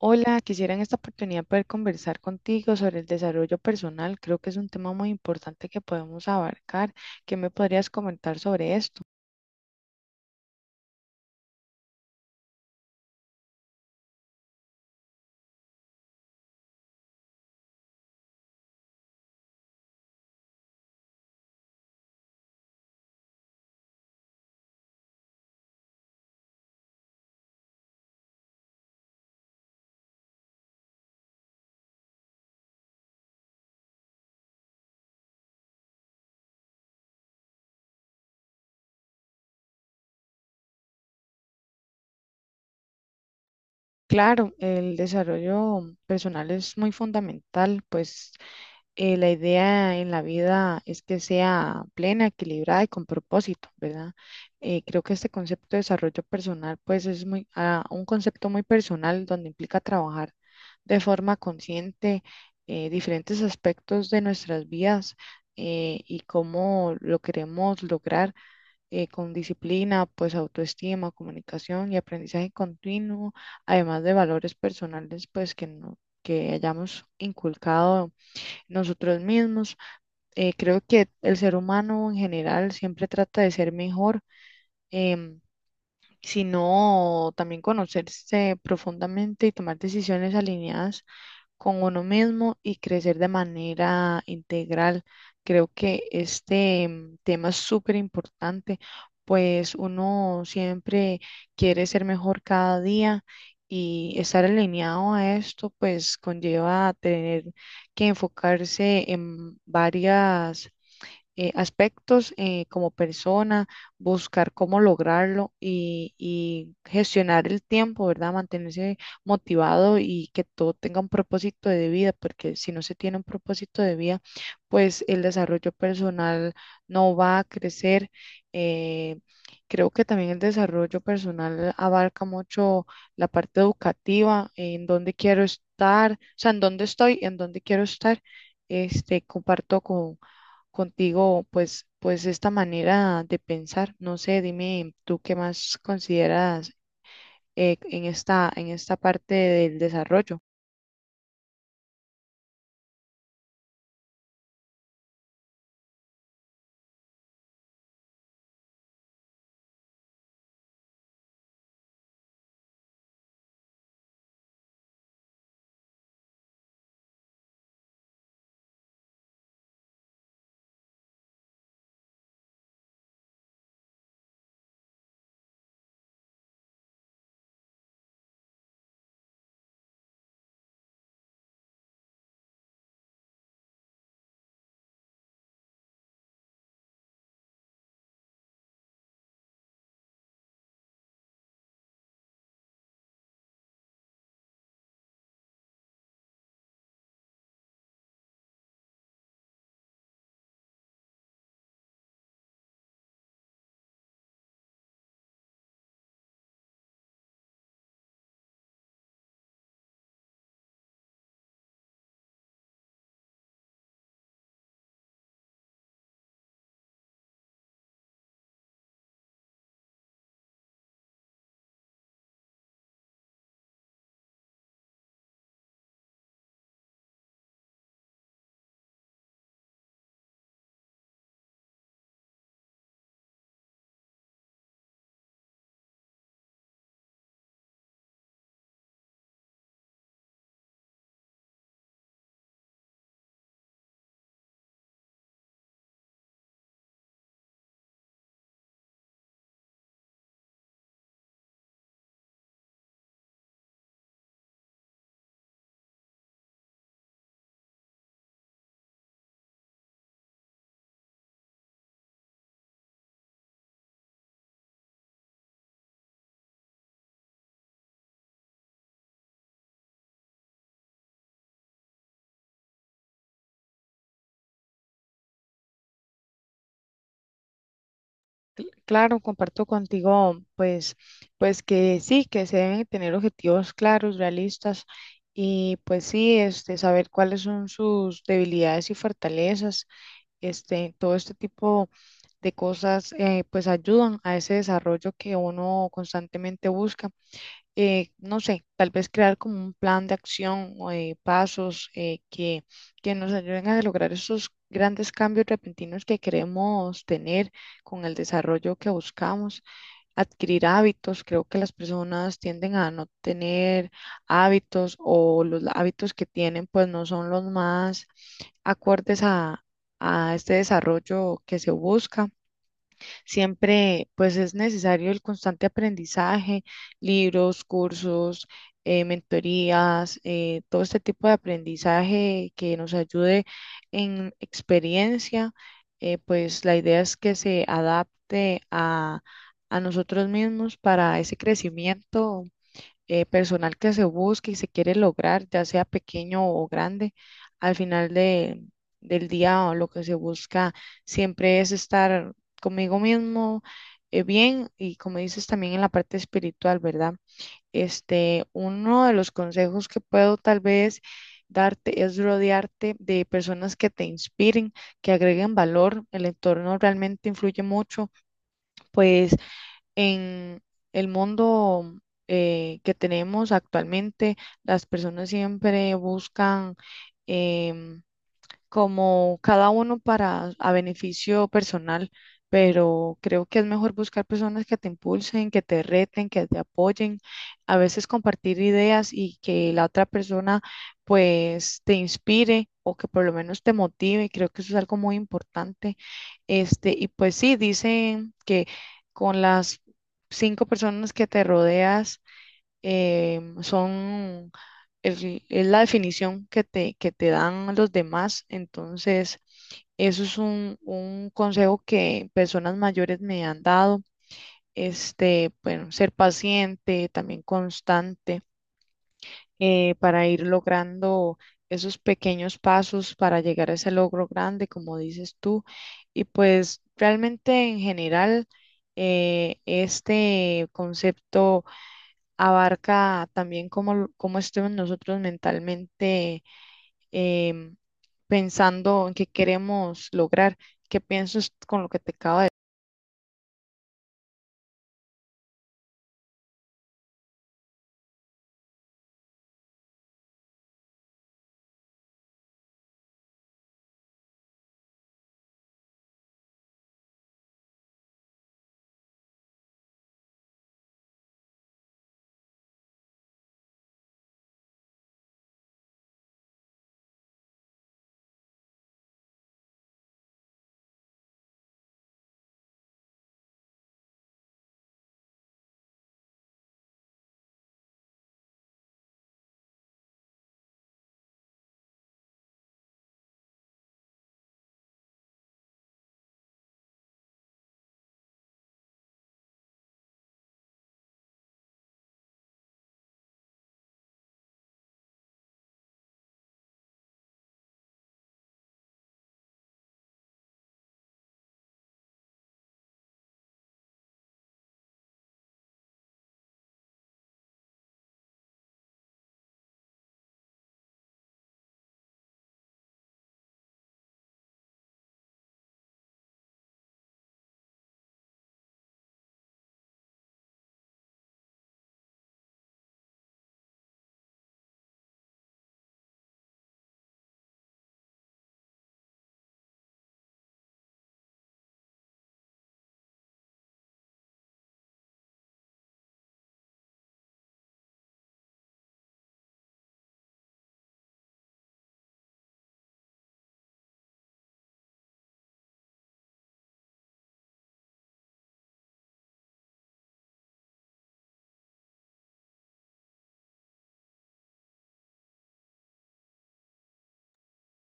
Hola, quisiera en esta oportunidad poder conversar contigo sobre el desarrollo personal. Creo que es un tema muy importante que podemos abarcar. ¿Qué me podrías comentar sobre esto? Claro, el desarrollo personal es muy fundamental, pues la idea en la vida es que sea plena, equilibrada y con propósito, ¿verdad? Creo que este concepto de desarrollo personal, pues es muy un concepto muy personal donde implica trabajar de forma consciente diferentes aspectos de nuestras vidas y cómo lo queremos lograr con disciplina, pues autoestima, comunicación y aprendizaje continuo, además de valores personales, pues que no- que hayamos inculcado nosotros mismos. Creo que el ser humano en general siempre trata de ser mejor, em, sino también conocerse profundamente y tomar decisiones alineadas con uno mismo y crecer de manera integral. Creo que este tema es súper importante, pues uno siempre quiere ser mejor cada día y estar alineado a esto, pues conlleva tener que enfocarse en varias aspectos como persona, buscar cómo lograrlo y gestionar el tiempo, ¿verdad? Mantenerse motivado y que todo tenga un propósito de vida, porque si no se tiene un propósito de vida, pues el desarrollo personal no va a crecer. eh, Creo que también el desarrollo personal abarca mucho la parte educativa, en dónde quiero estar, o sea, en dónde estoy, en dónde quiero estar. Este, contigo, pues esta manera de pensar. No sé, dime tú qué más consideras en en esta parte del desarrollo. Claro, comparto contigo, pues que sí, que se deben tener objetivos claros, realistas y pues sí, este, saber cuáles son sus debilidades y fortalezas, este, todo este tipo de cosas, pues ayudan a ese desarrollo que uno constantemente busca. No sé, tal vez crear como un plan de acción o de pasos que nos ayuden a lograr esos grandes cambios repentinos que queremos tener con el desarrollo que buscamos. Adquirir hábitos, creo que las personas tienden a no tener hábitos o los hábitos que tienen pues no son los más acordes a este desarrollo que se busca. Siempre, pues es necesario el constante aprendizaje, libros, cursos, mentorías, todo este tipo de aprendizaje que nos ayude en experiencia. Pues la idea es que se adapte a nosotros mismos para ese crecimiento personal que se busque y se quiere lograr, ya sea pequeño o grande, al final del día o lo que se busca siempre es estar conmigo mismo bien y como dices también en la parte espiritual, ¿verdad? Este, uno de los consejos que puedo tal vez darte es rodearte de personas que te inspiren, que agreguen valor. El entorno realmente influye mucho, pues en el mundo que tenemos actualmente, las personas siempre buscan, em, como cada uno para a beneficio personal, pero creo que es mejor buscar personas que te impulsen, que te reten, que te apoyen, a veces compartir ideas y que la otra persona pues te inspire o que por lo menos te motive, creo que eso es algo muy importante. Este, y pues sí, dicen que con las cinco personas que te rodeas son es la definición que que te dan los demás. Entonces, eso es un consejo que personas mayores me han dado. Este, bueno, ser paciente, también constante, para ir logrando esos pequeños pasos para llegar a ese logro grande, como dices tú. Y pues realmente en general, este concepto abarca también cómo estemos nosotros mentalmente em, pensando en qué queremos lograr, qué piensas con lo que te acabo.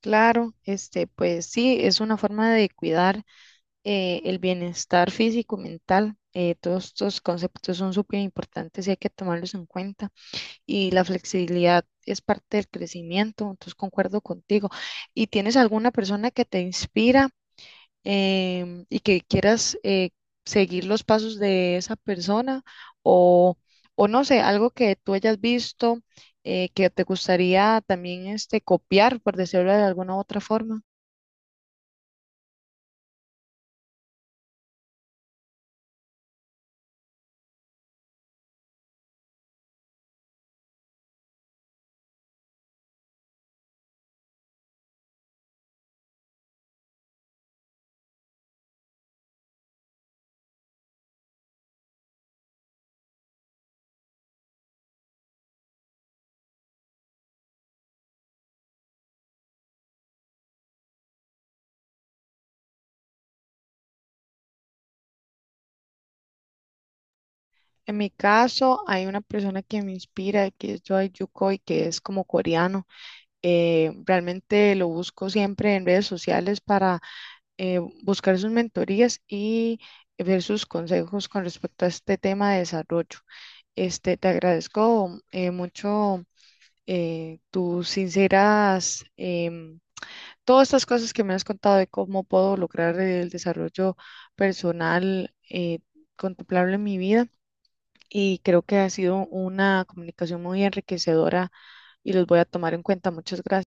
Claro, este, pues sí, es una forma de cuidar el bienestar físico y mental. Todos estos conceptos son súper importantes y hay que tomarlos en cuenta. Y la flexibilidad es parte del crecimiento, entonces concuerdo contigo. ¿Y tienes alguna persona que te inspira? Y que quieras seguir los pasos de esa persona o, o no sé, algo que tú hayas visto que te gustaría también este, copiar, por decirlo de alguna u otra forma. En mi caso, hay una persona que me inspira, que es Choi Yukoi, que es como coreano. Realmente lo busco siempre en redes sociales para buscar sus mentorías y ver sus consejos con respecto a este tema de desarrollo. Este, te agradezco mucho tus sinceras, todas estas cosas que me has contado de cómo puedo lograr el desarrollo personal contemplable en mi vida y creo que ha sido una comunicación muy enriquecedora y los voy a tomar en cuenta. Muchas gracias.